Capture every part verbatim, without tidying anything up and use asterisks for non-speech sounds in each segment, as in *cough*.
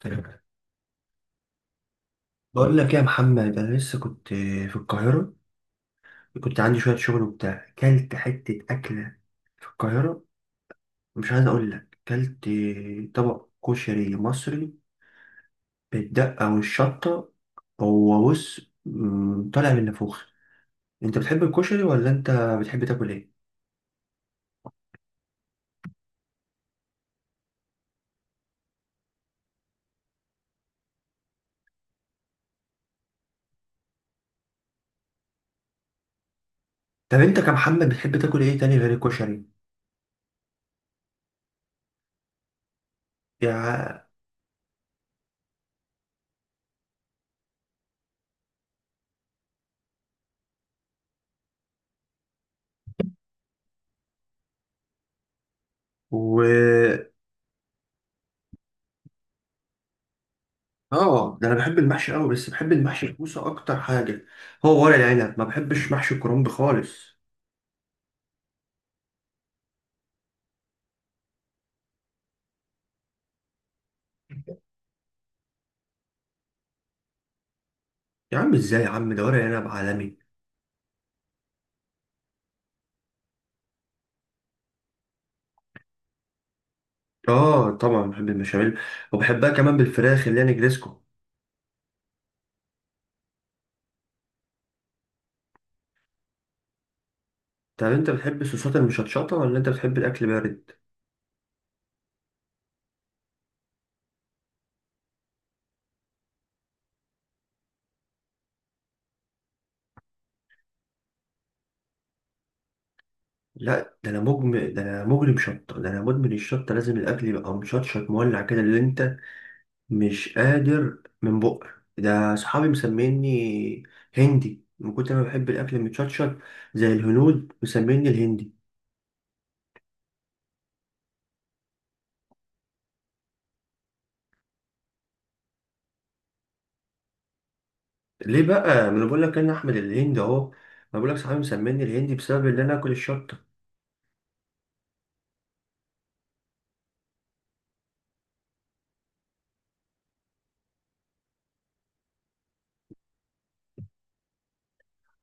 تمام. بقول لك يا محمد انا لسه كنت في القاهره، كنت عندي شويه شغل وبتاع، كلت حته اكله في القاهره. مش عايز اقول لك كلت طبق كشري مصري بالدقه والشطه، هو بص مم، طالع من نافوخ. انت بتحب الكشري ولا انت بتحب تاكل ايه؟ طب انت كمحمد بتحب تاكل ايه تاني غير الكشري؟ يا و اه، ده انا بحب المحشي قوي، بس بحب المحشي الكوسه اكتر حاجه، هو ورق العنب. ما بحبش محشي الكرنب خالص. يا عم ازاي يا عم، ده ورق عنب عالمي. اه طبعا بحب المشاميل، وبحبها كمان بالفراخ اللي هي نجريسكو. طب انت بتحب الصوصات المشطشطه ولا انت بتحب الاكل بارد؟ لا، ده انا مجم ده انا مجرم شطه، ده انا مدمن الشطه، لازم الاكل يبقى مشطشط مولع كده، اللي انت مش قادر من بقك. ده صحابي مسميني هندي من كتر ما بحب الاكل المتشطشط، زي الهنود مسميني الهندي. ليه بقى؟ ما انا بقول لك انا احمد الهندي اهو، ما بقول لك صحابي مسميني الهندي بسبب اللي انا اكل الشطه.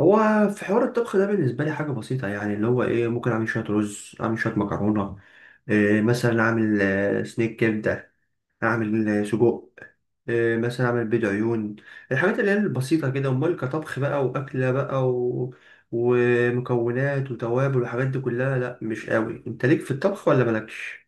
هو في حوار الطبخ ده بالنسبة لي حاجة بسيطة يعني، اللي هو إيه، ممكن أعمل شوية رز، أعمل شوية مكرونة، إيه مثلا أعمل آه، سنيك كبدة، أعمل آه، سجق، إيه مثلا أعمل بيض عيون، الحاجات اللي هي البسيطة كده. أمال كطبخ بقى وأكلة بقى و... ومكونات وتوابل والحاجات دي كلها، لأ مش قوي. أنت ليك في الطبخ ولا مالكش؟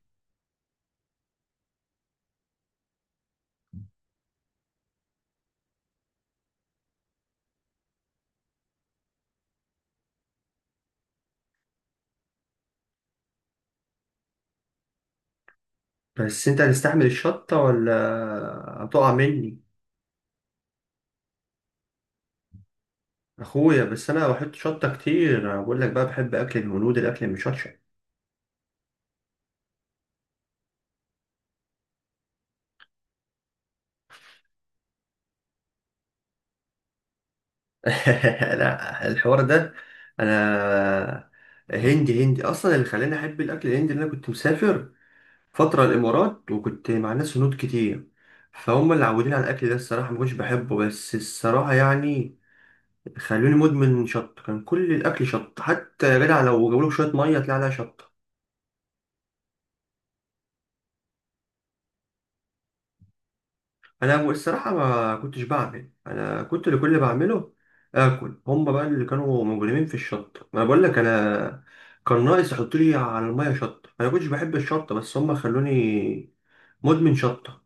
بس أنت هتستحمل الشطة ولا هتقع مني؟ أخويا بس أنا بحط شطة كتير، أنا بقول لك بقى بحب أكل الهنود الأكل المشطشط. *laughs* لا، الحوار ده انا هندي هندي اصلا. اللي خلاني احب الاكل الهندي ان انا كنت مسافر فتره الامارات، وكنت مع ناس هنود كتير، فهم اللي عودين على الاكل ده. الصراحه ما كنتش بحبه، بس الصراحه يعني خلوني مدمن شط. كان كل الاكل شط، حتى يا جدع لو جابولك شويه ميه تلاقي عليها شط. انا الصراحه ما كنتش بعمل، انا كنت اللي كل اللي بعمله اكل. هم بقى اللي كانوا مجرمين في الشط، ما أنا بقول لك انا كان ناقص يحطوا لي على الميه شطه. انا كنتش بحب الشطه بس هم خلوني مدمن شطه.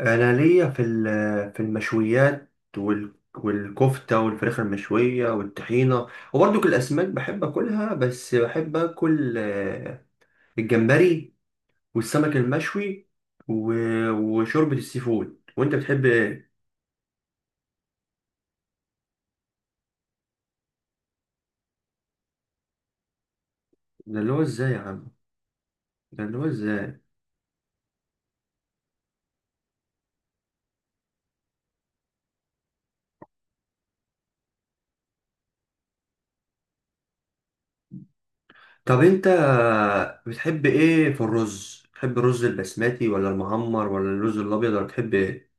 انا ليا في ال- في المشويات وال والكفته والفراخ المشويه والطحينه، وبرضك الاسماك بحب اكلها، بس بحب اكل آه، الجمبري والسمك المشوي و- وشوربه السي فود. وانت بتحب إيه؟ ده اللي هو ازاي يا عم، ده اللي هو ازاي؟ طب انت بتحب ايه في الرز؟ بتحب الرز البسمتي ولا المعمر ولا الرز الابيض ولا بتحب ايه؟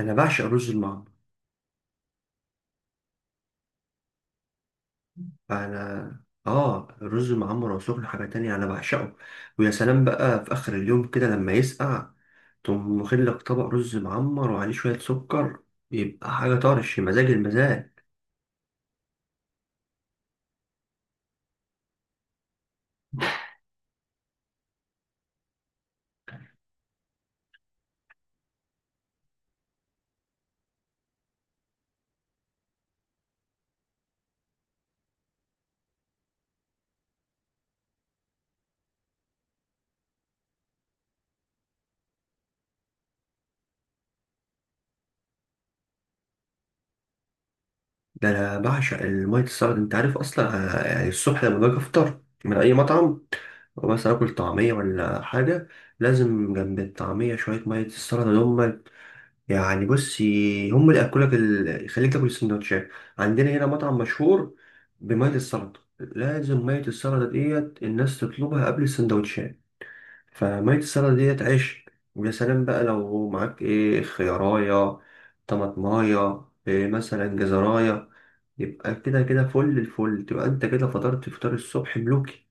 انا بعشق الرز المعمر. انا اه، الرز المعمر وسخن حاجه تانية، انا بعشقه. ويا سلام بقى في اخر اليوم كده لما يسقع، تقوم واخد لك طبق رز معمر وعليه شويه سكر، يبقى حاجه طرش مزاج المزاج. ده انا بعشق الميه السلطه، انت عارف اصلا. آه، يعني الصبح لما باجي افطر من اي مطعم مثلا اكل طعميه ولا حاجه، لازم جنب الطعميه شويه ميه السلطه دول. يعني بص، ي- هم اللي ياكلك ال... يخليك تاكل السندوتشات. عندنا هنا مطعم مشهور بميه السلطه، لازم ميه السلطه ديت الناس تطلبها قبل السندوتشات. فميه السلطه ديت عيش. ويا سلام بقى لو معاك ايه خيارايه طماطمايه إيه مثلا جزرايه، يبقى كده كده فل الفل، تبقى انت كده فطرت فطار الصبح ملوكي.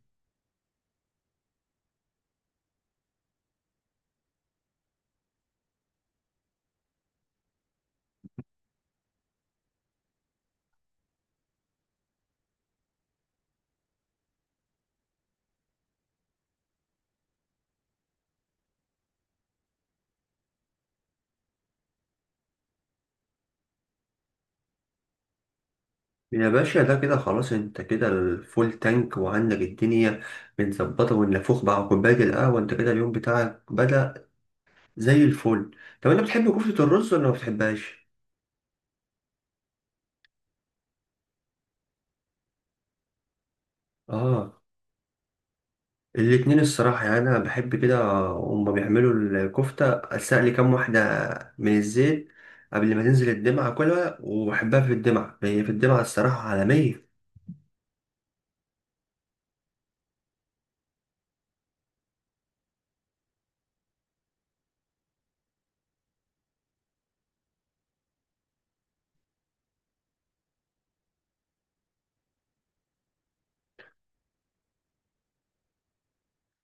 يا باشا ده كده خلاص، انت كده الفول تانك وعندك الدنيا متظبطة، والنافوخ مع كوباية القهوة، انت كده اليوم بتاعك بدأ زي الفل. طب انت بتحب كفتة الرز ولا ما بتحبهاش؟ اه الاتنين الصراحة، يعني انا بحب كده، هما بيعملوا الكفتة استقلي كام واحدة من الزيت قبل ما تنزل الدمعة كلها، وبحبها في الدمعة، هي في الدمعة الصراحة عالمية.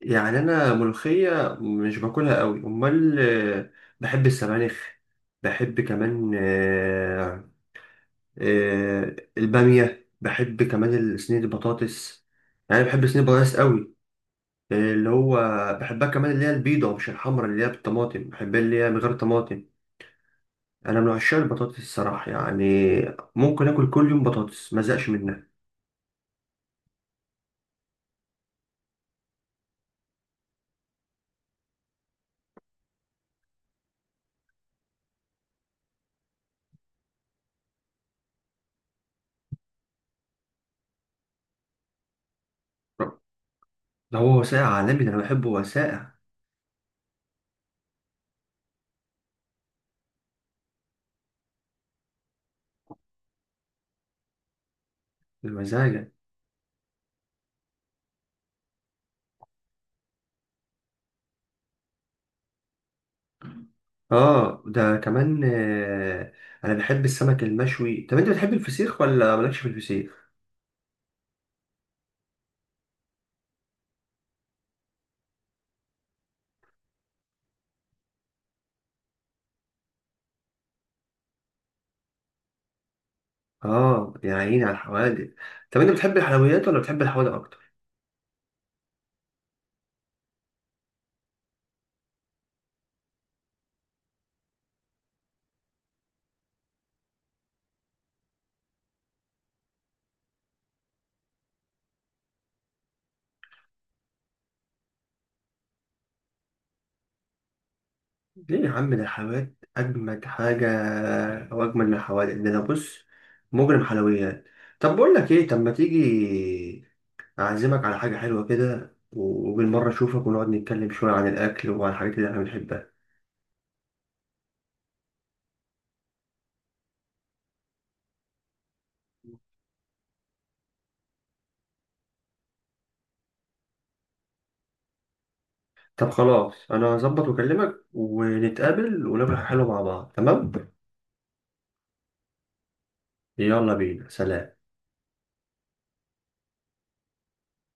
يعني انا ملوخيه مش باكلها قوي، امال آه، بحب السبانخ، بحب كمان آه، آه، الباميه، بحب كمان صينيه البطاطس، يعني بحب صينيه البطاطس قوي. آه، اللي هو بحبها كمان اللي هي البيضه مش الحمرا، اللي هي بالطماطم بحبها اللي هي من غير طماطم. انا من عشاق البطاطس الصراحه، يعني ممكن اكل كل يوم بطاطس ما ازهقش منها. ده هو وثائق عالمي، ده انا بحبه وثائق بمزاج. اه ده كمان آه، انا بحب السمك المشوي. طب انت بتحب الفسيخ ولا مالكش في الفسيخ؟ اه يا عيني على الحوادق. طب انت بتحب الحلويات ولا بتحب الحوادق اكتر؟ ليه يا عم، ده الحلويات اجمد حاجه او اجمل من الحوادق، ده انا بص مجرم حلويات. طب بقول لك ايه، طب ما تيجي اعزمك على حاجه حلوه كده، وبالمره اشوفك ونقعد نتكلم شويه عن الاكل وعن الحاجات اللي احنا بنحبها. طب خلاص انا هظبط واكلمك ونتقابل وناكل حاجه حلوه مع بعض. تمام، يلا بينا. سلام.